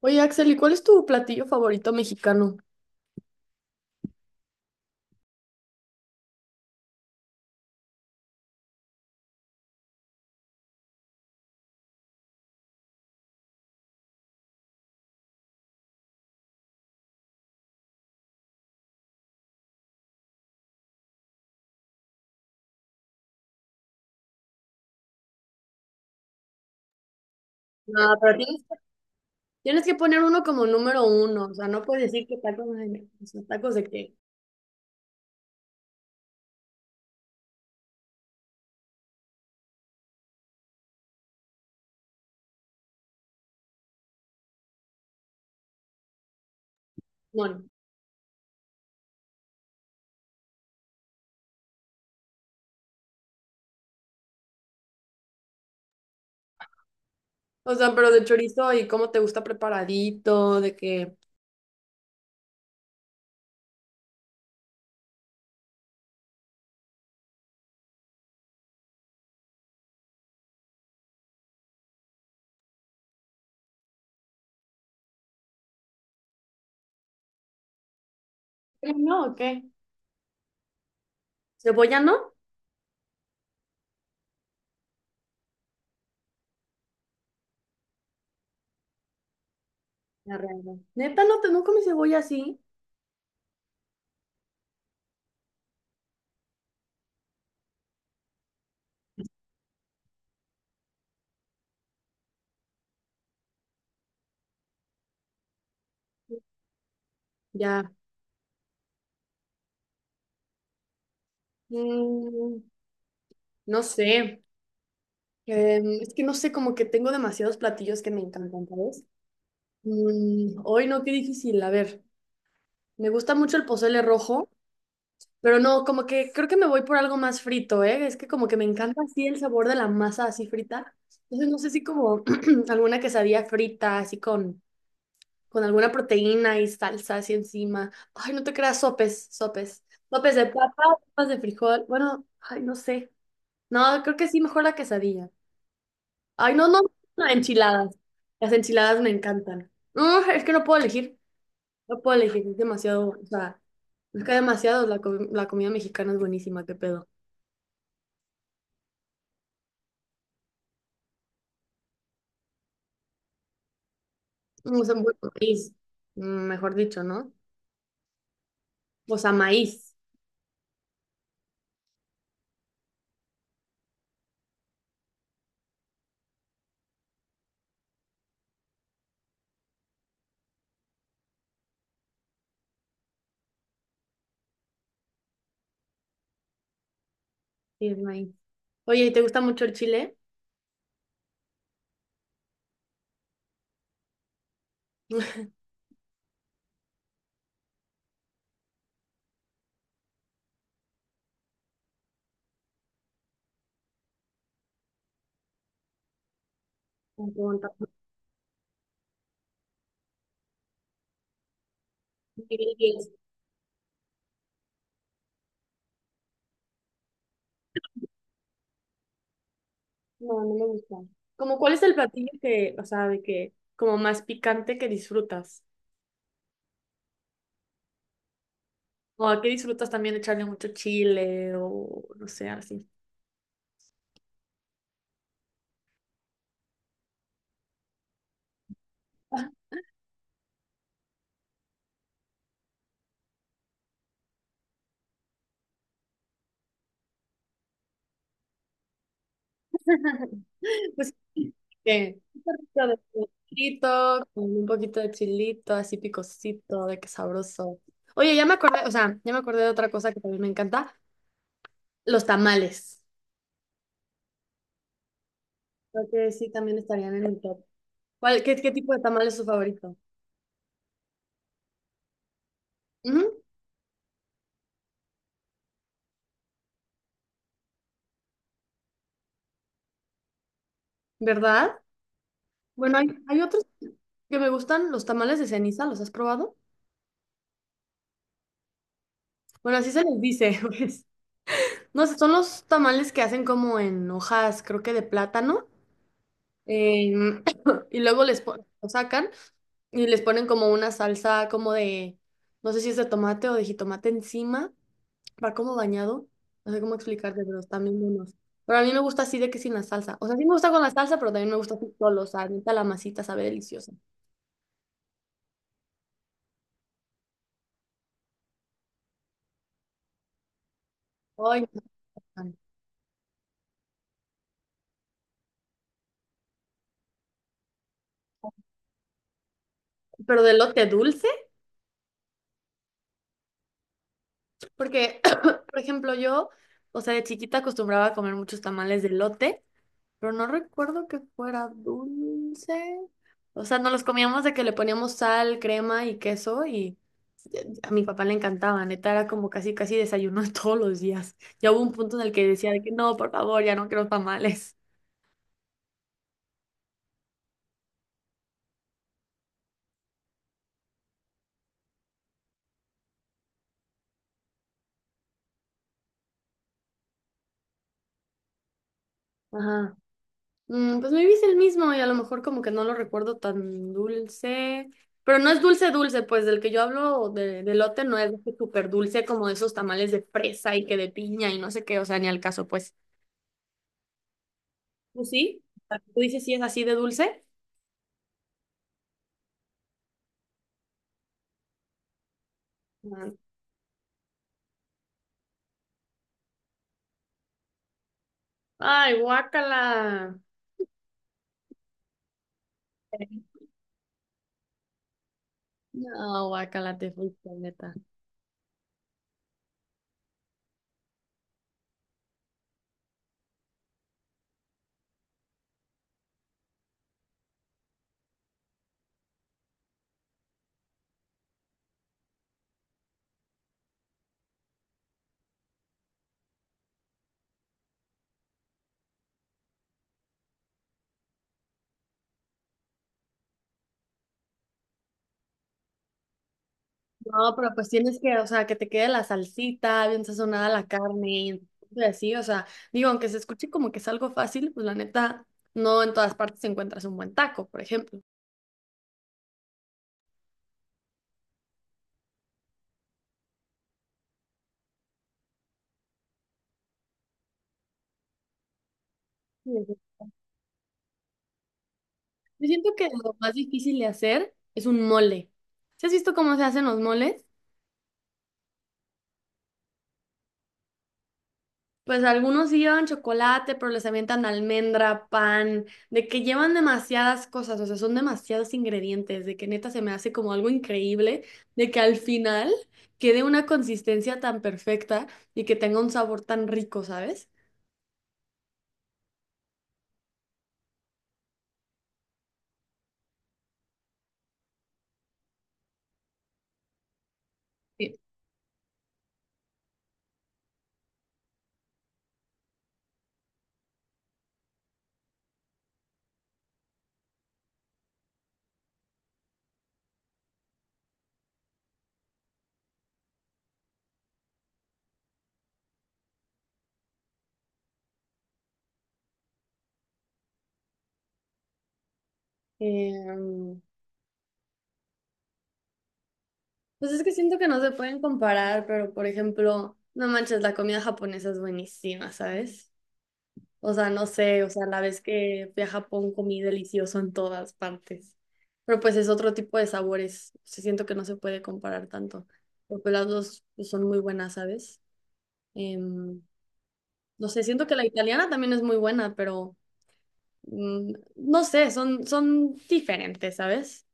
Oye, Axel, ¿y cuál es tu platillo favorito mexicano? No, pero tienes que poner uno como número uno, o sea, no puedes decir que tacos de, o sea, tacos de qué. Bueno, o sea, pero de chorizo y cómo te gusta preparadito, de que... No, ¿o qué? ¿Cebolla no? La realidad. Neta, no te no comes cebolla así. Ya. Mm, no sé. Es que no sé, como que tengo demasiados platillos que me encantan, ¿sabes? Mm, hoy no, qué difícil. A ver, me gusta mucho el pozole rojo, pero no, como que creo que me voy por algo más frito, ¿eh? Es que como que me encanta así el sabor de la masa así frita. Entonces no sé si como alguna quesadilla frita, así con alguna proteína y salsa así encima. Ay, no te creas, sopes, sopes. Sopes de papa, sopas de frijol. Bueno, ay, no sé. No, creo que sí, mejor la quesadilla. Ay, no, no, no, enchiladas. Las enchiladas me encantan. No, es que no puedo elegir. No puedo elegir, es demasiado. O sea, es que demasiado. La comida mexicana es buenísima, qué pedo. Mm, o sea, bueno, maíz, mm, mejor dicho, ¿no? O sea, maíz. Sí, es maíz. Oye, ¿y te gusta mucho el chile? Me pregunta. No, no me gusta. Como, ¿cuál es el platillo que, o sea, de que, como más picante que disfrutas? ¿O a qué disfrutas también echarle mucho chile o no sé, así? Pues sí, que un poquito de chilito, con un poquito de chilito, así picosito, de que sabroso. Oye, ya me acordé, o sea, ya me acordé de otra cosa que también me encanta, los tamales. Creo que sí, también estarían en el top. ¿Cuál, qué, qué tipo de tamal es su favorito? Ujú, ¿verdad? Bueno, hay otros que me gustan, los tamales de ceniza, ¿los has probado? Bueno, así se les dice, pues. No sé, son los tamales que hacen como en hojas, creo que de plátano. Eh, y luego les pon- lo sacan y les ponen como una salsa como de, no sé si es de tomate o de jitomate encima, va como bañado, no sé cómo explicarte, pero están bien buenos. Pero a mí me gusta así de que sin la salsa. O sea, sí me gusta con la salsa, pero también me gusta así solo, o sea, neta la masita sabe deliciosa. Ay, me encantan. Pero de lote dulce. Porque, por ejemplo, yo, o sea, de chiquita acostumbraba a comer muchos tamales de lote, pero no recuerdo que fuera dulce. O sea, no los comíamos de que le poníamos sal, crema y queso y a mi papá le encantaba, neta, era como casi, casi desayuno todos los días. Ya hubo un punto en el que decía de que no, por favor, ya no quiero tamales. Ajá. Mm, pues maybe es el mismo y a lo mejor como que no lo recuerdo tan dulce. Pero no es dulce dulce, pues del que yo hablo de elote no es súper dulce como de esos tamales de fresa y que de piña y no sé qué, o sea, ni al caso, pues. ¿Tú sí? ¿Tú dices si es así de dulce? Mm. Ay, guácala. No, guácala, te fuiste, neta. No, pero pues tienes que, o sea, que te quede la salsita, bien sazonada la carne, y así, o sea, digo, aunque se escuche como que es algo fácil, pues la neta, no en todas partes encuentras un buen taco, por ejemplo. Sí, sí. Yo siento que lo más difícil de hacer es un mole. ¿Sí has visto cómo se hacen los moles? Pues algunos sí llevan chocolate, pero les avientan almendra, pan, de que llevan demasiadas cosas, o sea, son demasiados ingredientes, de que neta se me hace como algo increíble, de que al final quede una consistencia tan perfecta y que tenga un sabor tan rico, ¿sabes? Sí. Em, pues es que siento que no se pueden comparar, pero por ejemplo, no manches, la comida japonesa es buenísima, ¿sabes? O sea, no sé, o sea, la vez que fui a Japón comí delicioso en todas partes. Pero pues es otro tipo de sabores. Sí, siento que no se puede comparar tanto. Pero pues las dos pues, son muy buenas, ¿sabes? Em, no sé, siento que la italiana también es muy buena, pero mm, no sé, son diferentes, ¿sabes?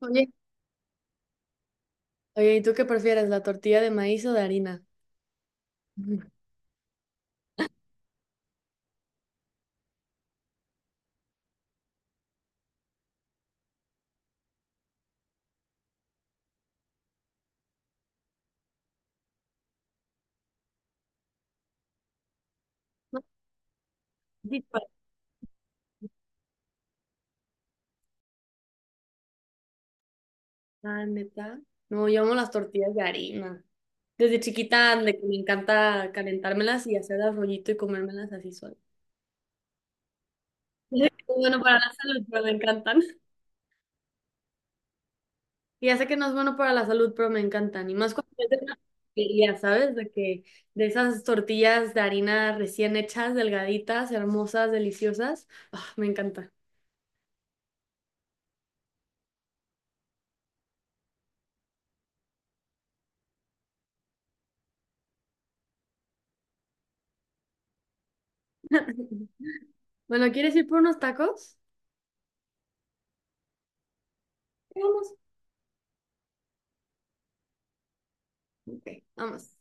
Oye, oye, ¿y tú qué prefieres, la tortilla de maíz o de harina? No, sí, pa- ah, neta. No, yo amo las tortillas de harina. Desde chiquita, de que me encanta calentármelas y hacerlas rollito y comérmelas así sola. Ya sé que no es bueno para la salud, pero me encantan. Y ya sé que no es bueno para la salud, pero me encantan. Y más cuando es de una tortillería, ¿sabes? De que de esas tortillas de harina recién hechas, delgaditas, hermosas, deliciosas. Ah, me encanta. Bueno, ¿quieres ir por unos tacos? Sí, vamos. Ok, vamos.